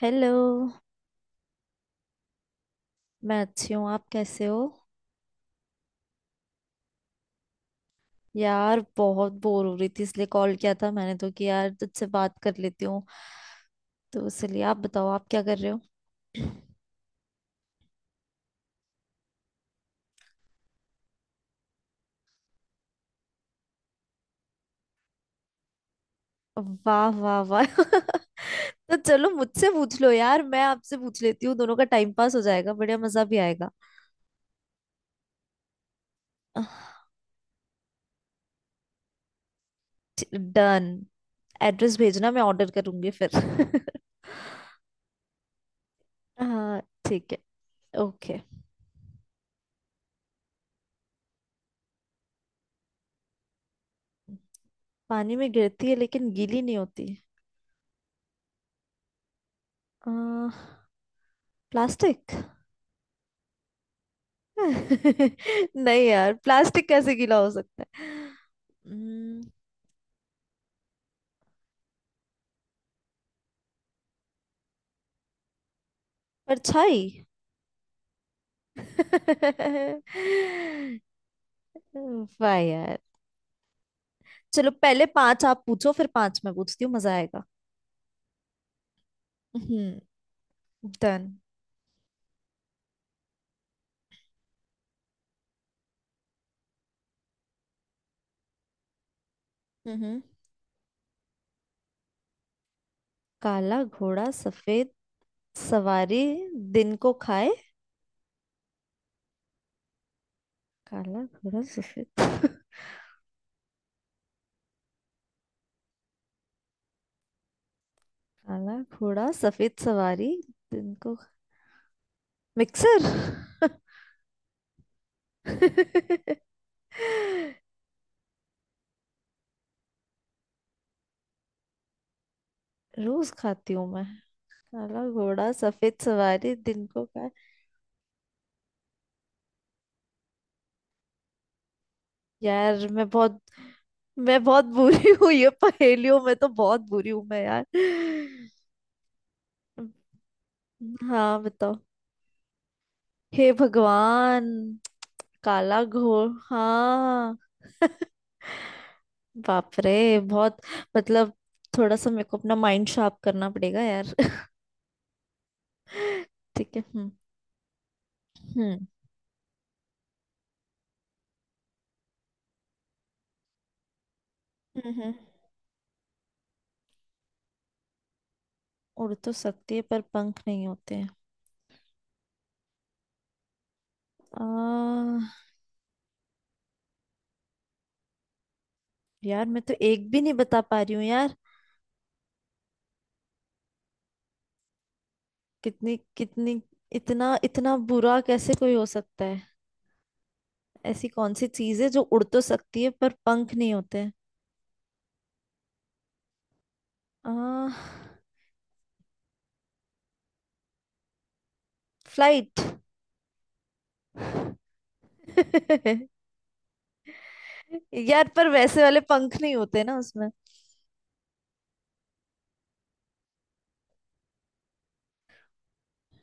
Hello. मैं अच्छी हूँ। आप कैसे हो? यार बहुत बोर हो रही थी इसलिए कॉल किया था मैंने तो कि यार तुझसे बात कर लेती हूँ। तो इसलिए आप बताओ, आप क्या कर रहे हो? वाह वाह वाह। तो चलो मुझसे पूछ लो यार, मैं आपसे पूछ लेती हूँ, दोनों का टाइम पास हो जाएगा, बढ़िया मजा भी आएगा। डन। एड्रेस भेजना, मैं ऑर्डर करूंगी फिर। हाँ। ठीक है। ओके। पानी में गिरती है लेकिन गीली नहीं होती। आ, प्लास्टिक। नहीं यार, प्लास्टिक कैसे गीला हो सकता है? हम्म, परछाई। वाह यार। चलो पहले पांच आप पूछो फिर पांच मैं पूछती हूँ, मजा आएगा। हम्म। डन। हम्म। काला घोड़ा सफेद सवारी। दिन को खाए। काला घोड़ा सफेद। काला घोड़ा सफेद सवारी दिन को। मिक्सर। रोज खाती हूँ मैं? काला घोड़ा सफेद सवारी दिन को का। यार मैं बहुत बुरी हूँ, ये पहेलियों में तो बहुत बुरी हूँ मैं यार। हाँ बताओ। हे भगवान। काला घोड़, हाँ। बाप रे, बहुत। मतलब, थोड़ा सा मेरे को अपना माइंड शार्प करना पड़ेगा यार। ठीक है। हम्म। हम्म। हम्म हम्म। उड़ तो सकती है पर पंख नहीं होते हैं। आ, यार मैं तो एक भी नहीं बता पा रही हूँ यार। कितनी कितनी, इतना इतना बुरा कैसे कोई हो सकता है? ऐसी कौन सी चीज है जो उड़ तो सकती है पर पंख नहीं होते हैं? आ, फ्लाइट। यार पर वैसे वाले पंख नहीं होते ना उसमें।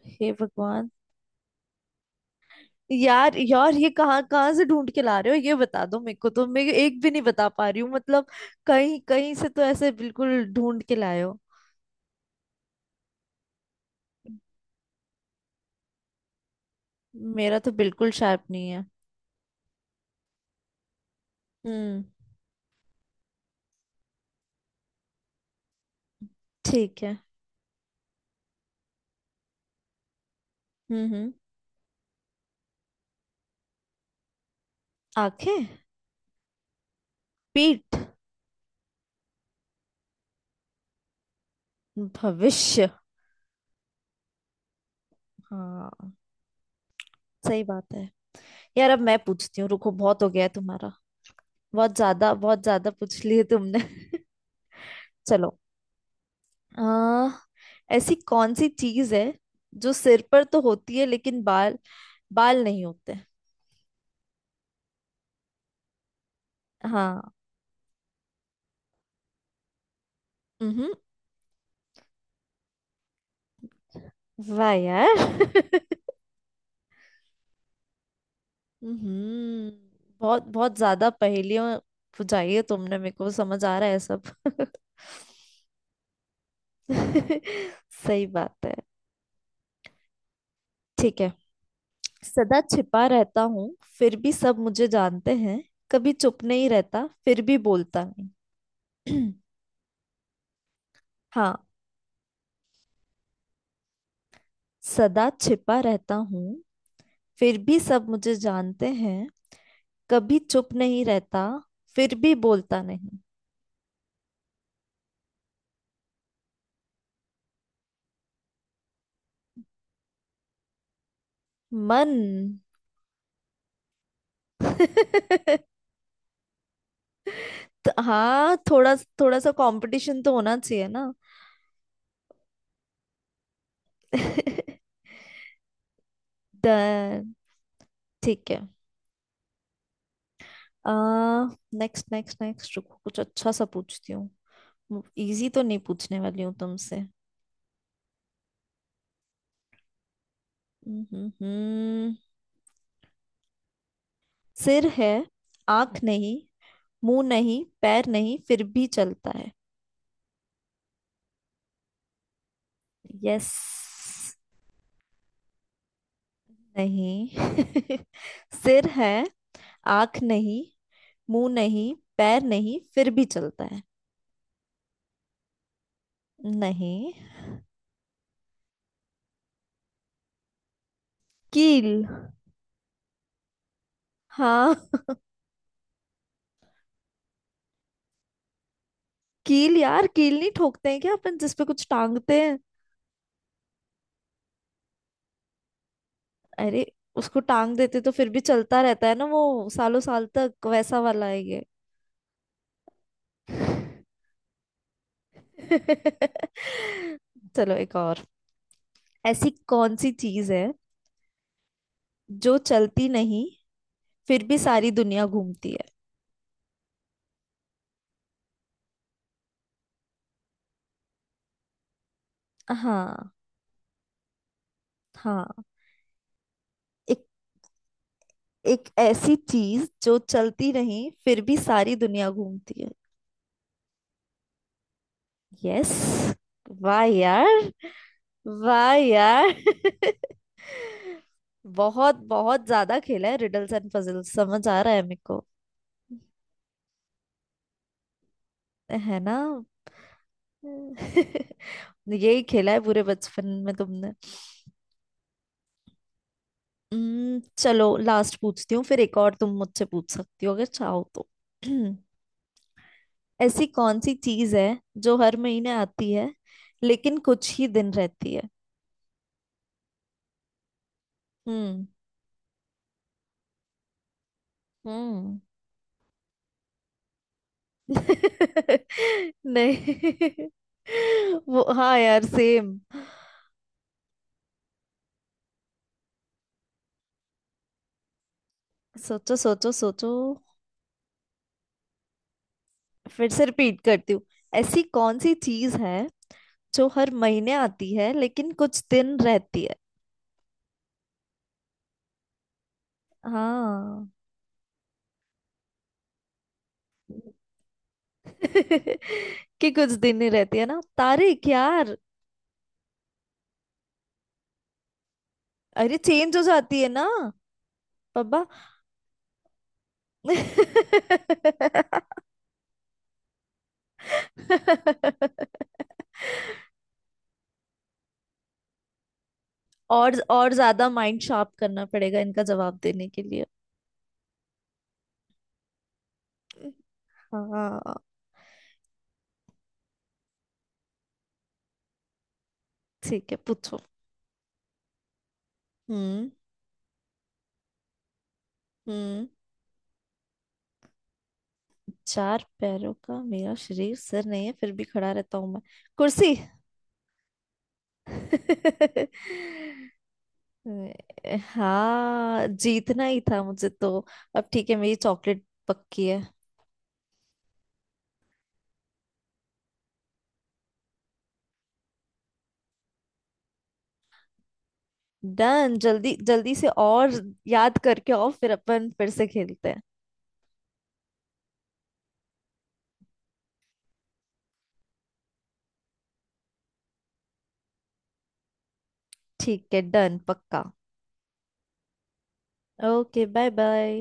हे भगवान। यार यार, ये कहाँ कहाँ से ढूंढ के ला रहे हो, ये बता दो मेरे को, तो मैं एक भी नहीं बता पा रही हूँ मतलब। कहीं कहीं से तो ऐसे बिल्कुल ढूंढ के लाए हो। मेरा तो बिल्कुल शार्प नहीं है। हम्म। ठीक है। हम्म। हम्म। आंखें। पीठ। भविष्य। हाँ, सही बात है। यार अब मैं पूछती हूँ, रुको, बहुत हो गया है तुम्हारा। बहुत ज्यादा पूछ लिए तुमने। चलो। आ, ऐसी कौन सी चीज है जो सिर पर तो होती है लेकिन बाल, बाल नहीं होते? हाँ। हम्म। वाह यार। हम्म। बहुत बहुत ज्यादा पहेलियां बुझाई है तुमने मेरे को, समझ आ रहा है सब। सही बात है। ठीक है। सदा छिपा रहता हूँ फिर भी सब मुझे जानते हैं। कभी चुप नहीं रहता फिर भी बोलता नहीं। हाँ। सदा छिपा रहता हूँ फिर भी सब मुझे जानते हैं। कभी चुप नहीं रहता फिर भी बोलता नहीं। मन। तो हाँ, थोड़ा, थोड़ा सा कंपटीशन तो होना चाहिए ना। डन। ठीक है। आ, नेक्स्ट नेक्स्ट नेक्स्ट, रुको कुछ अच्छा सा पूछती हूँ। इजी तो नहीं पूछने वाली हूँ तुमसे। हम्म। हम्म, सिर है, आंख नहीं, मुंह नहीं, पैर नहीं, फिर भी चलता है। यस। नहीं। सिर है, आंख नहीं, मुंह नहीं, पैर नहीं, फिर भी चलता है। नहीं। कील। हाँ। कील यार, कील नहीं ठोकते हैं क्या अपन जिसपे कुछ टांगते हैं? अरे उसको टांग देते तो फिर भी चलता रहता है ना वो सालों साल तक, वैसा वाला है। ये। चलो एक और। ऐसी कौन सी चीज है जो चलती नहीं फिर भी सारी दुनिया घूमती है? हाँ। हाँ। एक, एक ऐसी चीज जो चलती नहीं फिर भी सारी दुनिया घूमती है। यस। वाह यार। वाह यार। बहुत बहुत ज्यादा खेला है रिडल्स एंड पजल्स, समझ आ रहा है मेरे को। है ना। यही खेला है पूरे बचपन में तुमने। चलो लास्ट पूछती हूँ फिर, एक और तुम मुझसे पूछ सकती हो अगर चाहो तो। ऐसी कौन सी चीज है जो हर महीने आती है लेकिन कुछ ही दिन रहती है? हम्म। हम्म। नहीं। वो हाँ यार, सेम। सोचो सोचो सोचो। फिर से रिपीट करती हूँ। ऐसी कौन सी चीज है जो हर महीने आती है लेकिन कुछ दिन रहती है? हाँ। कि कुछ दिन ही रहती है ना, तारीख यार। अरे चेंज हो जाती है ना। पापा। और ज्यादा माइंड शार्प करना पड़ेगा इनका जवाब देने के लिए। हाँ। ठीक है पूछो। हम्म। हम्म। चार पैरों का मेरा शरीर, सिर नहीं है फिर भी खड़ा रहता हूं मैं। कुर्सी। हाँ जीतना ही था मुझे तो। अब ठीक है, मेरी चॉकलेट पक्की है। डन, जल्दी जल्दी से और याद करके, और फिर अपन फिर से खेलते हैं। ठीक है। डन पक्का। Okay, bye bye.